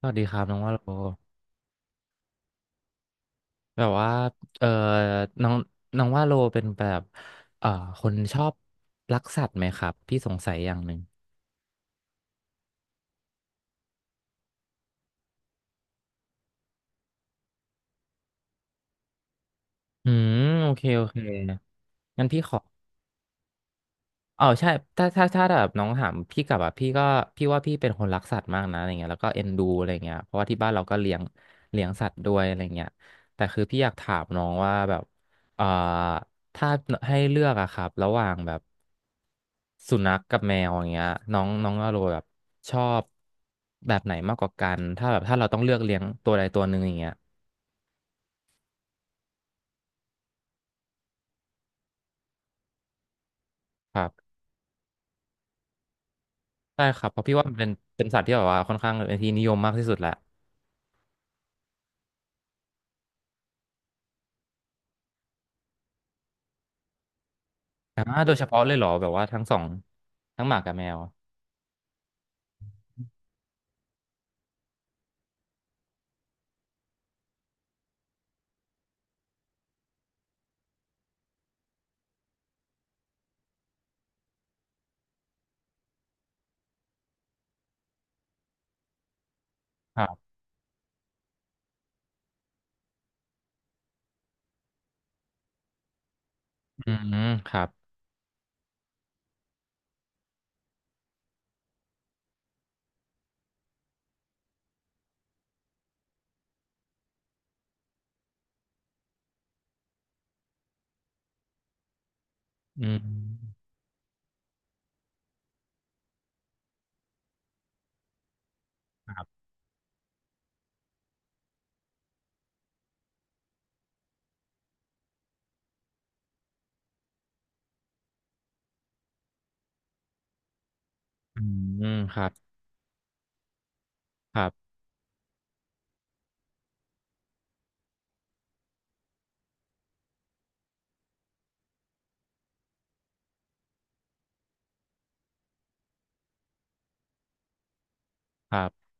สวัสดีครับน้องว่าโลแบบว่าเออน้องน้องว่าโลเป็นแบบเอ่อคนชอบรักสัตว์ไหมครับพี่สงสัยอย่างหนึ่งอืมโอเคโอเคงั้นพี่ขอ อ๋อใช่ถ้าแบบน้องถามพี่กลับอ่ะพี่ก็พี่ว่าพี่เป็นคนรักสัตว์มากนะอะไรเงี้ยแล้วก็เอ็นดูอะไรเงี้ยเพราะว่าที่บ้านเราก็เลี้ยงเลี้ยงสัตว์ด้วยอะไรเงี้ยแต่คือพี่อยากถามน้องว่าแบบเอ่อถ้าให้เลือกอะครับระหว่างแบบสุนัขกับแมวอย่างเงี้ยน้องน้องอโรแบบชอบแบบไหนมากกว่ากันถ้าแบบถ้าเราต้องเลือกเลี้ยงตัวใดตัวหนึ่งอย่างเงี้ยครับใช่ครับเพราะพี่ว่ามันเป็นเป็นสัตว์ที่แบบว่าค่อนข้างเป็นที่นิยมมากที่สุดแหละ อ่าโดยเฉพาะเลยเหรอแบบว่าทั้งสองทั้งหมากับแมวครับอืมครับอืมครับอืมครับครับครับ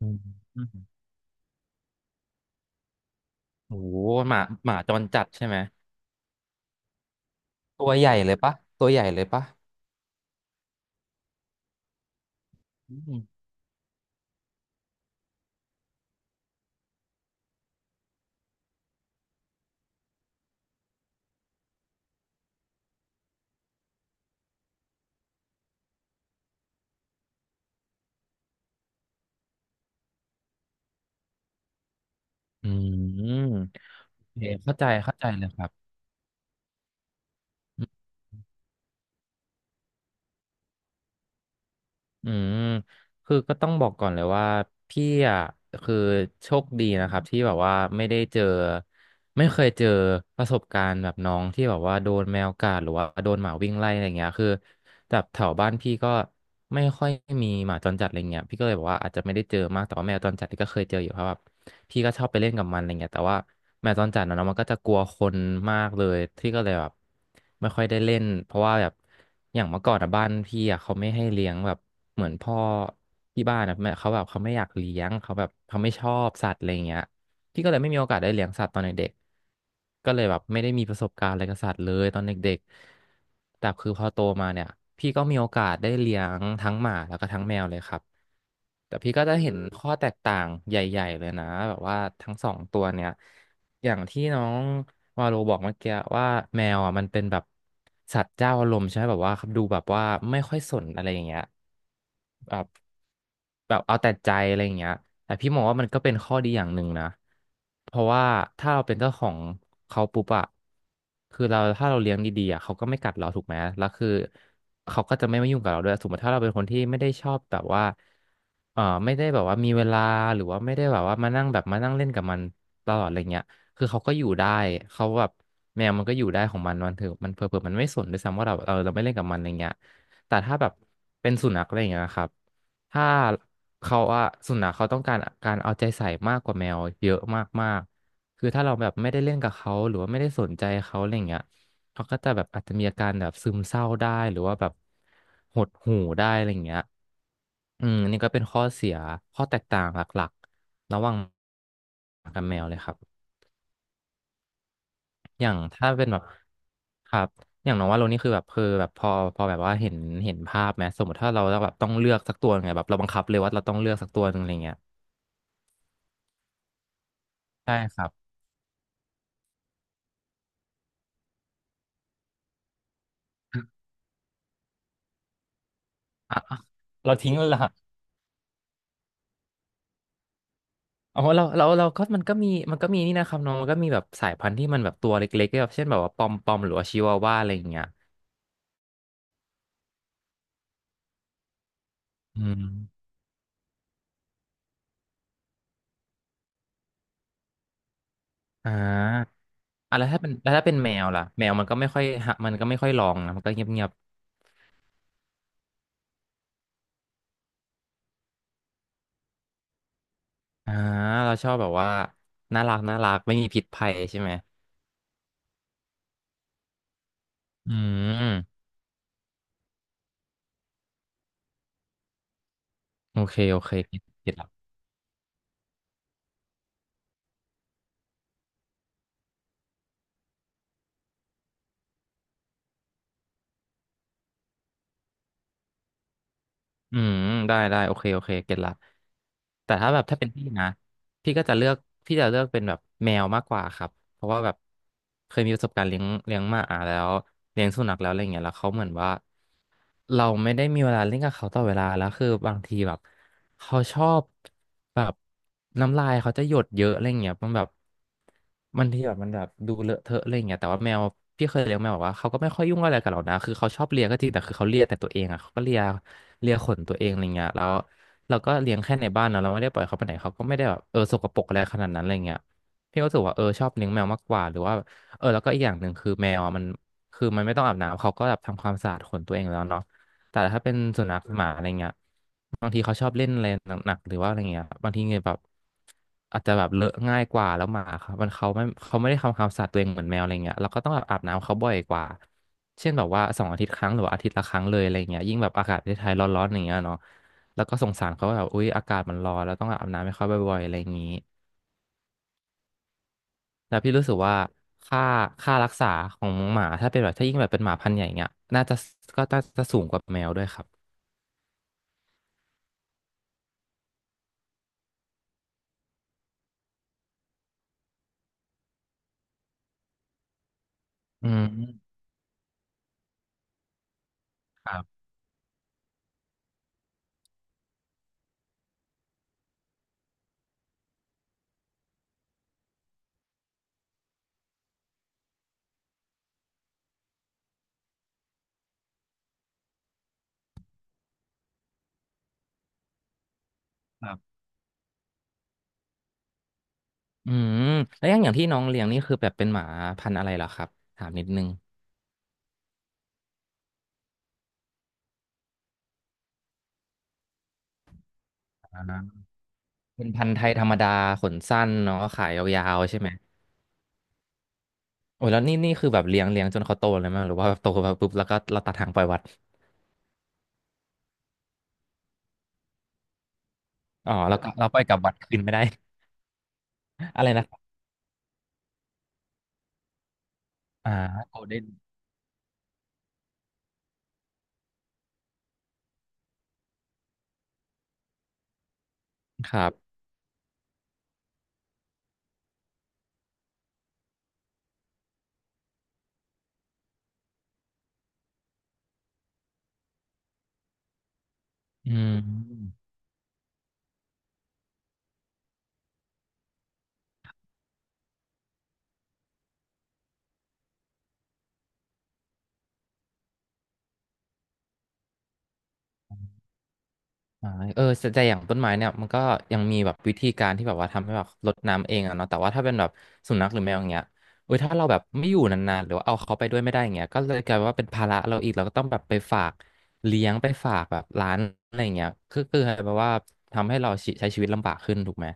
อืมโอ้โหหมาหมาจรจัดใช่ไหมตัวใหญ่เลยปะตัวใหญ่เลยปะอืมอืมโอเคเข้าใจเข้าใจเลยครับ อืมคือก็ต้องบอกก่อนเลยว่าพี่อ่ะคือโชคดีนะครับที่แบบว่าไม่ได้เจอไม่เคยเจอประสบการณ์แบบน้องที่แบบว่าโดนแมวกัดหรือว่าโดนหมาวิ่งไล่อะไรเงี้ยคือแบบแถวบ้านพี่ก็ไม่ค่อยมีหมาจรจัดอะไรเงี้ยพี่ก็เลยบอกว่าอาจจะไม่ได้เจอมากแต่ว่าแมวจรจัดนี่ก็เคยเจออยู่เพราะแบบพี่ก็ชอบไปเล่นกับมันอะไรเงี้ยแต่ว่าแมวจรจัดนะเนาะมันก็จะกลัวคนมากเลยที่ก็เลยแบบไม่ค่อยได้เล่นเพราะว่าแบบ อย่างเมื่อก่อนอะบ้านพี่อะเขาไม่ให้เลี้ยงแบบเหมือนพ่อที่บ้านอะแม่เขาแบบเขาไม่อยากเลี้ยงเขาแบบเขาไม่ชอบสัตว์อะไรอย่างเงี้ยพี่ก็เลยไม่มีโอกาสได้เลี้ยงสัตว์ตอนเด็กๆก็เลยแบบไม่ได้มีประสบการณ์อะไรกับสัตว์เลยตอนเด็กๆแต่คือพอโตมาเนี่ยพี่ก็มีโอกาสได้เลี้ยงทั้งหมาแล้วก็ทั้งแมวเลยครับแต่พี่ก็จะเห็นข้อแตกต่างใหญ่ๆเลยนะแบบว่าทั้งสองตัวเนี่ย อย่างที่น้องวาโลบอกเมื่อกี้ว่าแมวอ่ะมันเป็นแบบสัตว์เจ้าอารมณ์ใช่ไหมแบบว่าดูแบบว่าไม่ค่อยสนอะไรอย่างเงี้ยแบบแบบเอาแต่ใจอะไรอย่างเงี้ยแต่พี่มองว่ามันก็เป็นข้อดีอย่างหนึ่งนะเพราะว่าถ้าเราเป็นเจ้าของเขาปุ๊บอะคือเราถ้าเราเลี้ยงดีๆอะเขาก็ไม่กัดเราถูกไหมแล้วคือเขาก็จะไม่มายุ่งกับเราด้วยสมมติถ้าเราเป็นคนที่ไม่ได้ชอบแบบว่าเออไม่ได้แบบว่ามีเวลาหรือว่าไม่ได้แบบว่ามานั่งแบบมานั่งเล่นกับมันตลอดอะไรเงี้ย คือเขาก็อยู่ได้ เขาแบบแมวมันก็อยู่ได้ของมันมันเถอะมันเผลอๆมันไม่สนด้วยซ้ำว่าเราเออเราไม่เล่นกับมันอะไรเงี้ยแต่ถ้าแบบเป็นสุนัขอะไรอย่างเงี้ยครับ ถ้าเขาอะสุนัขเขาต้องการการเอาใจใส่มากกว่าแมวเยอะมากๆคือถ้าเราแบบไม่ได้เล่นกับเขาหรือว่าไม่ได้สนใจเขาอะไรเงี้ยเขาก็จะแบบอาจจะมีอาการแบบซึมเศร้าได้หรือว่าแบบหดหู่ได้อะไรเงี้ยอืมอันนี่ก็เป็นข้อเสียข้อแตกต่างหลักๆระหว่างหมากับแมวเลยครับ อย่างถ้าเป็นแบบครับอย่างน้องว่าโรนี่คือแบบคือแบบพอพอแบบว่าเห็นเห็นภาพไหมสมมติถ้าเราแบบต้องเลือกสักตัวไงแบบเราบังคับเลยว่าเราต้องเลือกสักตัวหนึงอะไรเงี้ยใช่ครับ อ่ะอ่ะเราทิ้งเลยเหรออ๋อเราก็มันก็มีนี่นะครับน้องมันก็มีแบบสายพันธุ์ที่มันแบบตัวเล็กๆแบบเช่นแบบว่าปอมปอมหรือว่าชิวาว่าอะไรอย่างเงี้ยอืมอ่าอ่ะแล้วถ้าเป็นแมวล่ะแมวมันก็ไม่ค่อยหะมันก็ไม่ค่อยร้องนะมันก็เงียบๆอ่าเราชอบแบบว่าน่ารักน่ารักไม่มีพิษภัยใช่ไหม อืมโอเคโอเคเก็ตเก็ตละอืมได้ได้โอเคโอเคเก็ตละแต่ถ้าแบบถ้าเป็นพี่นะพี่ก็จะเลือกพี่จะเลือกเป็นแบบแมวมากกว่าครับเพราะว่าแบบเคยมีประสบการณ์เลี้ยงเลี้ยงหมาแล้วเลี้ยงสุนัขแล้วอะไรเงี้ยแล้วเขาเหมือนว่าเราไม่ได้มีเวลาเล่นกับเขาตลอดเวลาแล้วคือบางทีแบบเขาชอบแบบน้ำลายเขาจะหยดเยอะอะไรเงี้ยมันแบบ มันที่แบบมันแบบดูเลอะเทอะอะไรอย่างเงี้ยแต่ว่าแมวพี่เคยเลี้ยงแมวบอกว่าเขาก็ไม่ค่อยยุ่งอะไรกับเรานะคือเขาชอบเลียก็จริงแต่คือเขาเลียแต่ตัวเองอ่ะเขาก็เลียเลียขนตัวเองอะไรเงี้ยแล้วเราก็เลี้ยงแค่ในบ้านเนาะเราไม่ได้ปล่อยเขาไปไหนเขาก็ไม่ได้แบบเออสกปรกอะไรขนาดนั้นอะไรเงี้ยพี่ก็รู้สึกว่าเออชอบเลี้ยงแมวมากกว่าหรือว่าเออแล้วก็อีกอย่างหนึ่งคือแมวอะมันคือมันไม่ต้องอาบน้ำเขาก็แบบทำความสะอาดขนตัวเองแล้วเนาะ แต่ถ้าเป็นสุนัขหมาอะไรเงี้ยบางทีเขาชอบเล่นอะไรหนักๆหรือว่าอะไรเงี้ยบางทีเงี้ยแบบอาจจะแบบเลอะง่ายกว่าแล้วหมาครับมันเขาไม่ได้ทำความสะอาดตัวเองเหมือนแมวอะไรเงี้ยเราก็ต้องแบบอาบน้ำเขาบ่อยกว่าเช่นแบบว่าสองอาทิตย์ครั้งหรือว่าอาทิตย์ละครั้งเลยอะไรเงี้ยยิ่งแบบอากาศประเทศไทยร้อนๆอย่างเงี้ยเนาะแล้วก็สงสารเขาว่าแบบอุ๊ยอากาศมันร้อนแล้วต้องอาบน้ำให้เขาบ่อยๆอะไรอย่างงี้แล้วพี่รู้สึกว่าค่าค่ารักษาของหมาถ้าเป็นแบบถ้ายิ่งแบบเป็นหมาพันธุ์ใหญ่เงี้ยน่าจะก็น่าจะสูงกว่าแมวด้วยครับอืมครับ อืมแล้วอย่างอย่างที่น้องเลี้ยงนี่คือแบบเป็นหมาพันธุ์อะไรเหรอครับถามนิดนึงอ่าเป็นพันธุ์ไทยธรรมดาขนสั้นเนาะขายยาวๆใช่ไหมโอ้ยแล้วนี่นี่คือแบบเลี้ยงเลี้ยงจนเขาโตเลยไหมหรือว่าแบบโตมาปุ๊บแล้วก็เราตัดหางปล่อยวัดอ๋อแล้วก็เราปล่อยกลับวัดคืนไม่ได้ อะไรนะครับอ่าครับอืม อ่าเออแต่แต่อย่างต้นไม้เนี่ยมันก็ยังมีแบบวิธีการที่แบบว่าทำให้แบบรดน้ำเองอะเนาะแต่ว่าถ้าเป็นแบบสุนัขหรือแมวอย่างเงี้ยเออถ้าเราแบบไม่อยู่นานๆหรือว่าเอาเขาไปด้วยไม่ได้อย่างเงี้ยก็เลยกลายว่าเป็นภาระเราอีก เราก็ต้องแบบไปฝากเลี้ยงไปฝากแบบร้านอะไรอย่างเงี้ยคือแบบว่าทำให้เราใช้ชีวิตลำบากขึ้นถูกไหม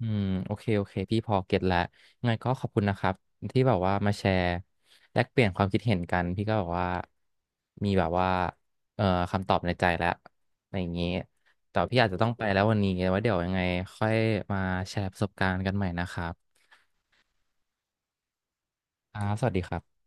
อืมโอเคโอเคพี่พอเก็ตแล้วงั้นก็ขอบคุณนะครับที่แบบว่ามาแชร์แลกเปลี่ยนความคิดเห็นกันพี่ก็แบบว่ามีแบบว่าเอ่อคำตอบในใจแล้วอะไรอย่างนี้แต่พี่อาจจะต้องไปแล้ววันนี้ไว้เดี๋ยวยังไงค่อยมาแชร์ประสบการณ์กันใหม่นะครับครับสวัสดีครับ